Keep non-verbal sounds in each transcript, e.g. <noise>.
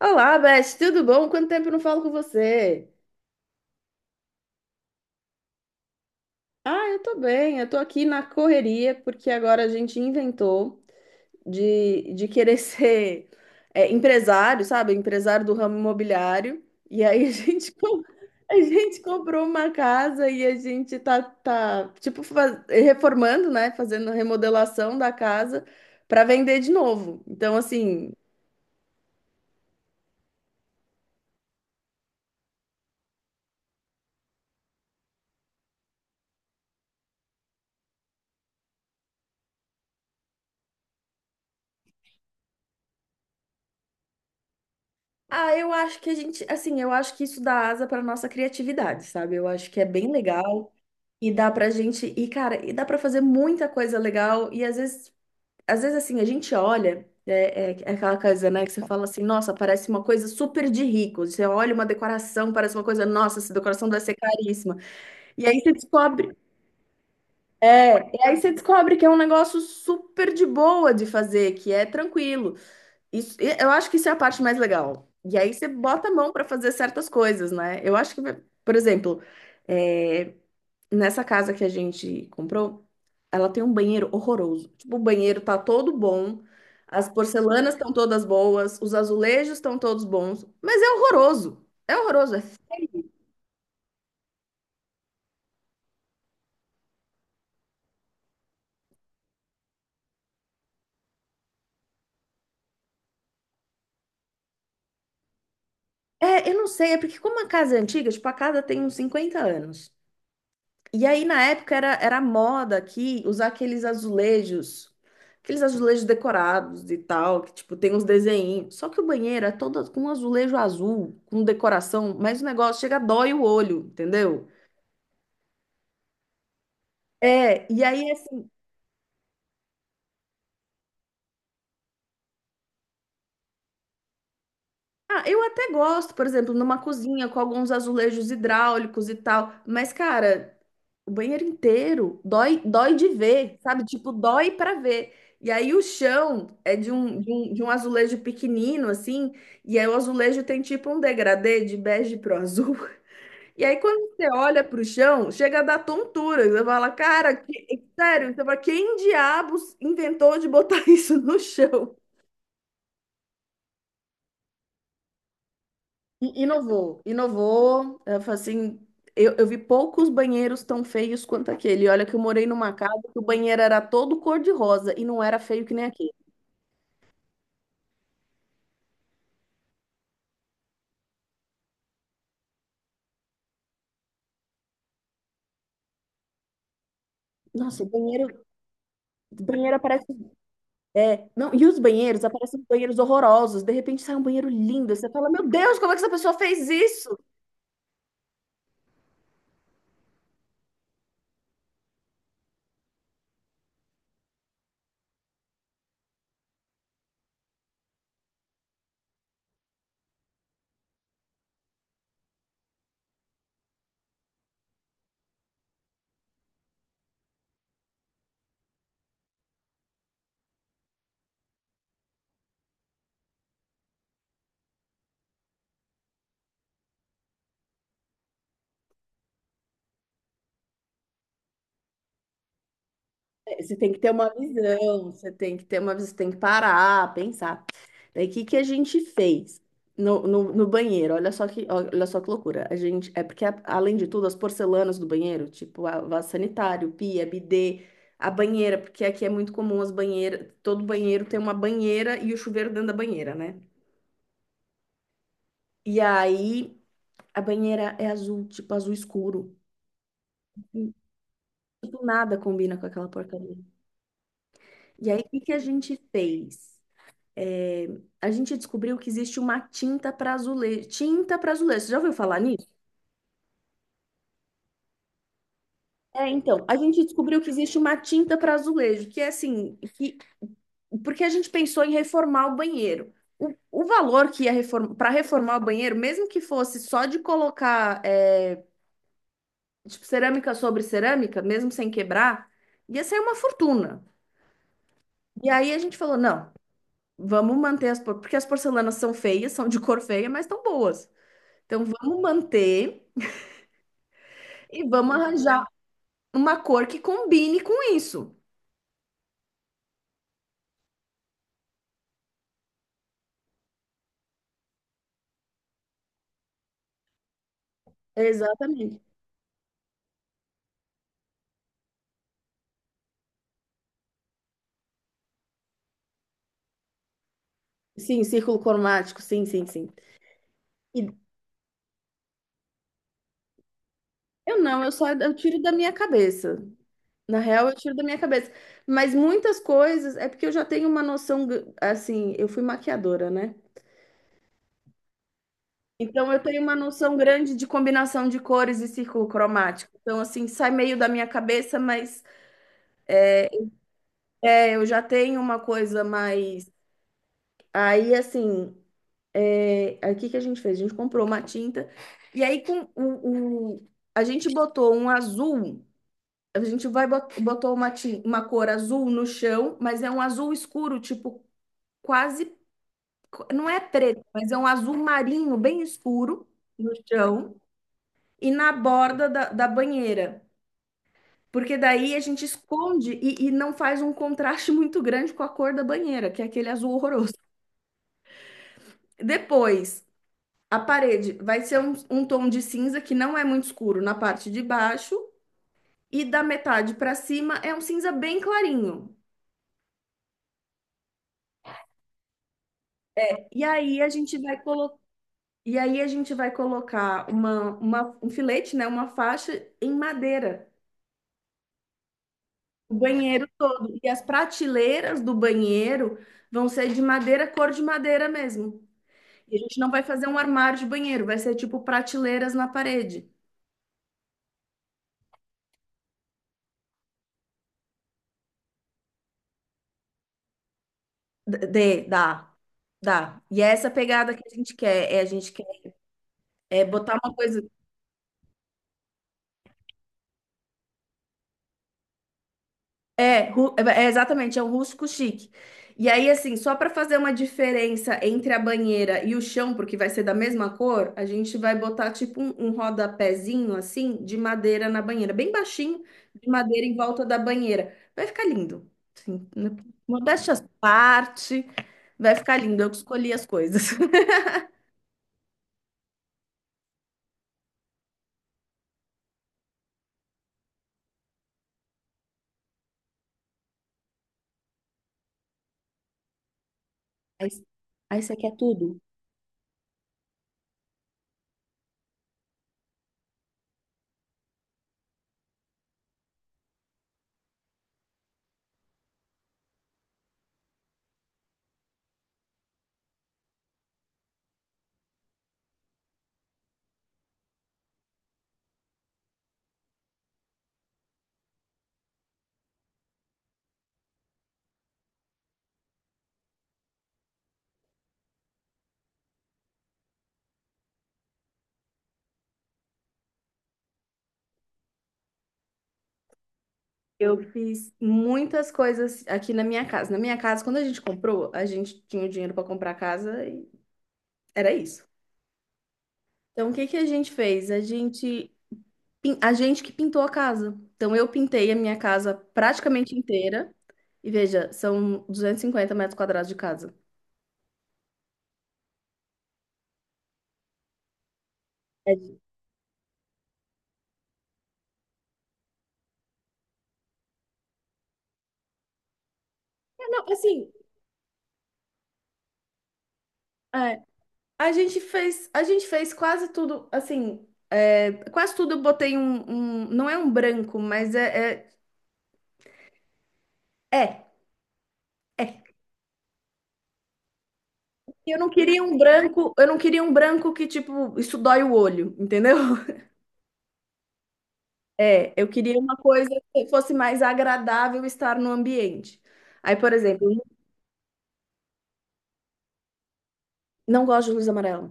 Olá, Beth, tudo bom? Quanto tempo eu não falo com você? Ah, eu tô bem, eu tô aqui na correria porque agora a gente inventou de querer <laughs> ser empresário, sabe? Empresário do ramo imobiliário. E aí a <laughs> a gente comprou uma casa e a gente tá tipo, reformando, né? Fazendo remodelação da casa para vender de novo. Então, assim, ah, eu acho que a gente, assim, eu acho que isso dá asa para nossa criatividade, sabe? Eu acho que é bem legal. E dá pra gente, e cara, e dá pra fazer muita coisa legal. E às vezes assim, a gente olha, é aquela coisa, né, que você fala assim, nossa, parece uma coisa super de rico. Você olha uma decoração, parece uma coisa, nossa, essa decoração deve ser caríssima. E aí você e aí você descobre que é um negócio super de boa de fazer, que é tranquilo. Isso, e eu acho que isso é a parte mais legal. E aí você bota a mão pra fazer certas coisas, né? Eu acho que, por exemplo, é, nessa casa que a gente comprou, ela tem um banheiro horroroso. Tipo, o banheiro tá todo bom, as porcelanas estão todas boas, os azulejos estão todos bons, mas é horroroso. É horroroso. Eu não sei, é porque como a casa é antiga, tipo, a casa tem uns 50 anos. E aí, na época, era moda aqui usar aqueles azulejos decorados e tal, que, tipo, tem uns desenhinhos. Só que o banheiro é todo com azulejo azul, com decoração, mas o negócio chega, dói o olho, entendeu? É, e aí assim, ah, eu até gosto, por exemplo, numa cozinha com alguns azulejos hidráulicos e tal, mas cara, o banheiro inteiro dói de ver, sabe? Tipo, dói pra ver. E aí o chão é de um azulejo pequenino assim, e aí o azulejo tem tipo um degradê de bege pro azul. <laughs> E aí quando você olha pro chão, chega a dar tontura, você fala, cara, sério, você fala, quem diabos inventou de botar <laughs> isso no chão? Inovou. Eu falei assim, eu vi poucos banheiros tão feios quanto aquele. E olha que eu morei numa casa que o banheiro era todo cor-de-rosa e não era feio que nem aquele. Nossa, o banheiro aparece. É, não, e os banheiros, aparecem banheiros horrorosos. De repente sai um banheiro lindo. Você fala, meu Deus, como é que essa pessoa fez isso? É, você tem que ter uma visão, você tem que ter uma visão, você tem que parar, pensar. Daí, o que que a gente fez no banheiro? Olha só que loucura. A gente, é porque, além de tudo, as porcelanas do banheiro, tipo a vaso sanitário, pia, bidê, a banheira, porque aqui é muito comum as banheiras, todo banheiro tem uma banheira e o chuveiro dentro da banheira, né? E aí, a banheira é azul, tipo azul escuro. Tipo, nada combina com aquela porcaria. E aí, o que que a gente fez? A gente descobriu que existe uma tinta para azulejo. Tinta para azulejo, você já ouviu falar nisso? É, então, a gente descobriu que existe uma tinta para azulejo, que é assim, que, porque a gente pensou em reformar o banheiro. O valor que para reformar o banheiro, mesmo que fosse só de tipo, cerâmica sobre cerâmica, mesmo sem quebrar, ia ser uma fortuna. E aí a gente falou, não, vamos manter porque as porcelanas são feias, são de cor feia, mas estão boas. Então vamos manter. E vamos arranjar uma cor que combine com isso. Exatamente. Sim, círculo cromático, sim, sim, sim. E eu não, eu só eu tiro da minha cabeça. Na real, eu tiro da minha cabeça. Mas muitas coisas é porque eu já tenho uma assim, eu fui maquiadora, né? Então eu tenho uma noção grande de combinação de cores e círculo cromático. Então, assim, sai meio da minha cabeça, mas eu já tenho uma coisa mais. Aí, assim, é, aí o que que a gente fez? A gente comprou uma tinta e aí a gente botou um azul. A gente botou uma cor azul no chão, mas é um azul escuro, tipo quase não é preto, mas é um azul marinho bem escuro no chão e na borda da banheira. Porque daí a gente esconde e não faz um contraste <laughs> muito grande com a cor da banheira, que é aquele azul horroroso. Depois, a parede vai ser um, um tom de cinza que não é muito escuro na parte de baixo, e da metade para cima é um cinza bem clarinho. E aí a gente vai colocar. E aí a gente vai colocar um filete, né, uma faixa em madeira, o banheiro todo. E as prateleiras do banheiro vão ser de madeira, cor de madeira mesmo. E a gente não vai fazer um armário de banheiro, vai ser tipo prateleiras na parede. D- Dê, dá, dá. E é essa pegada que a gente quer, é a gente é botar uma coisa. É, exatamente, é o rústico chique. E aí, assim, só para fazer uma diferença entre a banheira e o chão, porque vai ser da mesma cor, a gente vai botar tipo um rodapézinho assim de madeira na banheira, bem baixinho, de madeira em volta da banheira. Vai ficar lindo. Assim, né? Modéstia à parte, vai ficar lindo. Eu que escolhi as coisas. <laughs> Aí, aí você quer tudo? Eu fiz muitas coisas aqui na minha casa. Na minha casa, quando a gente comprou, a gente tinha o dinheiro para comprar a casa e era isso. Então, o que que a gente fez? A gente que pintou a casa. Então, eu pintei a minha casa praticamente inteira. E veja, são 250 metros quadrados de casa. É, não, assim, é, a gente fez quase tudo, assim, é, quase tudo eu botei um não é um branco, mas é, é, é. É. Eu não queria um branco, eu não queria um branco que, tipo, isso dói o olho, entendeu? <laughs> É, eu queria uma coisa que fosse mais agradável estar no ambiente. Aí, por exemplo, eu não gosto de luz amarela.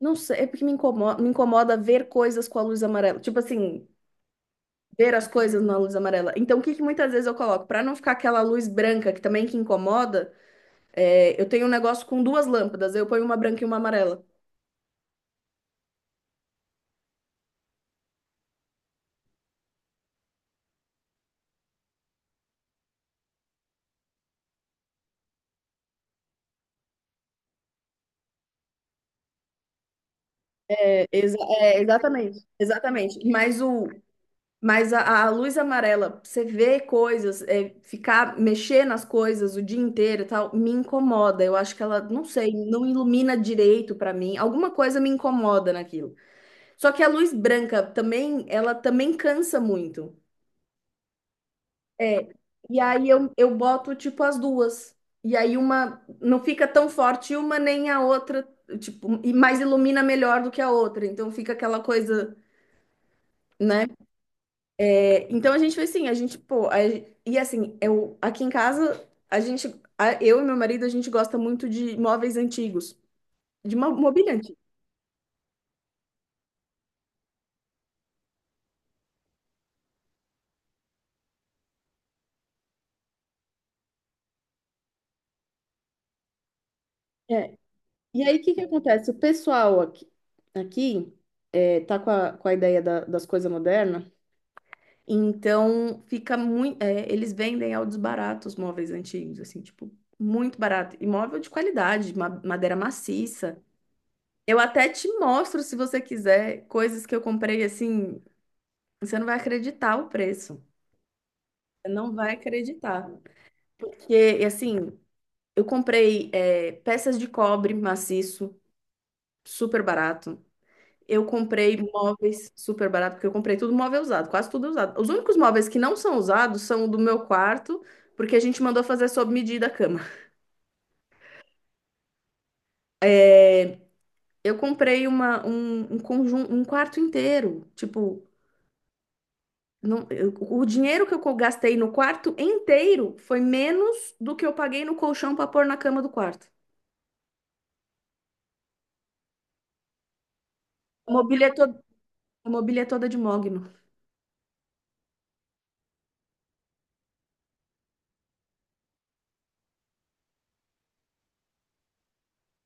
Não sei, é porque me incomoda ver coisas com a luz amarela. Tipo assim, ver as coisas na luz amarela. Então, o que que muitas vezes eu coloco? Para não ficar aquela luz branca que também que incomoda, é, eu tenho um negócio com duas lâmpadas. Eu ponho uma branca e uma amarela. É, exatamente, exatamente. Mas a luz amarela, você vê coisas, é, ficar, mexer nas coisas o dia inteiro e tal, me incomoda. Eu acho que ela, não sei, não ilumina direito pra mim. Alguma coisa me incomoda naquilo. Só que a luz branca também, ela também cansa muito. É. E aí eu boto tipo as duas. E aí uma não fica tão forte uma nem a outra, tipo, e mais ilumina melhor do que a outra. Então fica aquela coisa, né? Então a gente foi assim, a gente, pô, a- e assim, eu aqui em casa, eu e meu marido, a gente gosta muito de móveis antigos, de mobília antiga. É. E aí, o que que acontece? O pessoal aqui, aqui é, tá com a das coisas modernas. Então fica muito, eles vendem ao desbarato os móveis antigos, assim, tipo, muito barato. E móvel de qualidade, madeira maciça. Eu até te mostro, se você quiser, coisas que eu comprei assim. Você não vai acreditar o preço. Você não vai acreditar. Porque, assim, eu comprei peças de cobre maciço, super barato. Eu comprei móveis super barato, porque eu comprei tudo móvel usado, quase tudo usado. Os únicos móveis que não são usados são o do meu quarto, porque a gente mandou fazer sob medida a cama. É, eu comprei um conjunto, um quarto inteiro, tipo, não, o dinheiro que eu gastei no quarto inteiro foi menos do que eu paguei no colchão para pôr na cama do quarto. A mobília é toda, a mobília é toda de mogno.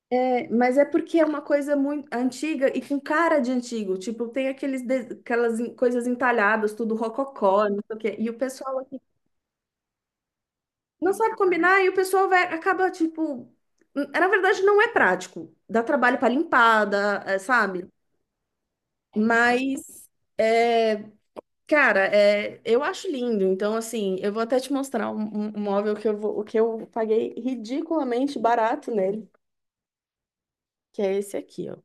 É, mas é porque é uma coisa muito antiga e com cara de antigo. Tipo, tem aquelas coisas entalhadas, tudo rococó, não sei o quê. E o pessoal aqui não sabe combinar e o pessoal vai, acaba, tipo... Na verdade, não é prático. Dá trabalho para limpar, dá, é, sabe? Mas... é, cara, é, eu acho lindo. Então, assim, eu vou até te mostrar um móvel que que eu paguei ridiculamente barato nele, que é esse aqui, ó.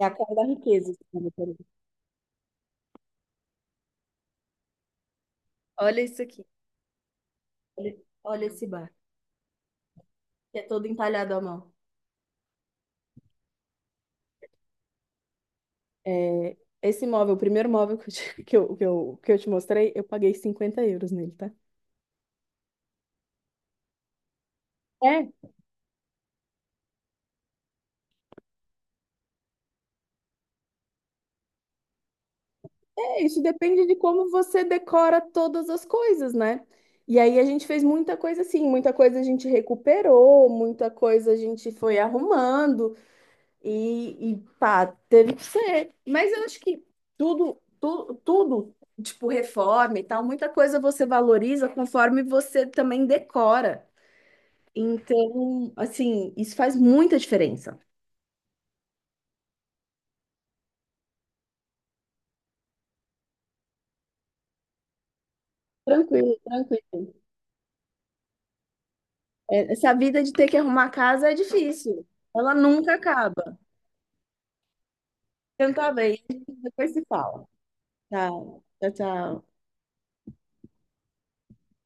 É a cara da riqueza. Esse cara, peraí. Olha isso aqui. Olha, olha esse bar, que é todo entalhado à mão. É, esse móvel, o primeiro móvel <laughs> que eu te mostrei, eu paguei 50 euros nele, tá? É. É, isso depende de como você decora todas as coisas, né? E aí a gente fez muita coisa assim, muita coisa a gente recuperou, muita coisa a gente foi arrumando e pá, teve que ser. Mas eu acho que tudo, tipo reforma e tal, muita coisa você valoriza conforme você também decora. Então, assim, isso faz muita diferença. Tranquilo, tranquilo. É, essa vida de ter que arrumar casa é difícil. Ela nunca acaba. Então tá bem, depois se fala. Tá. Tchau, tchau.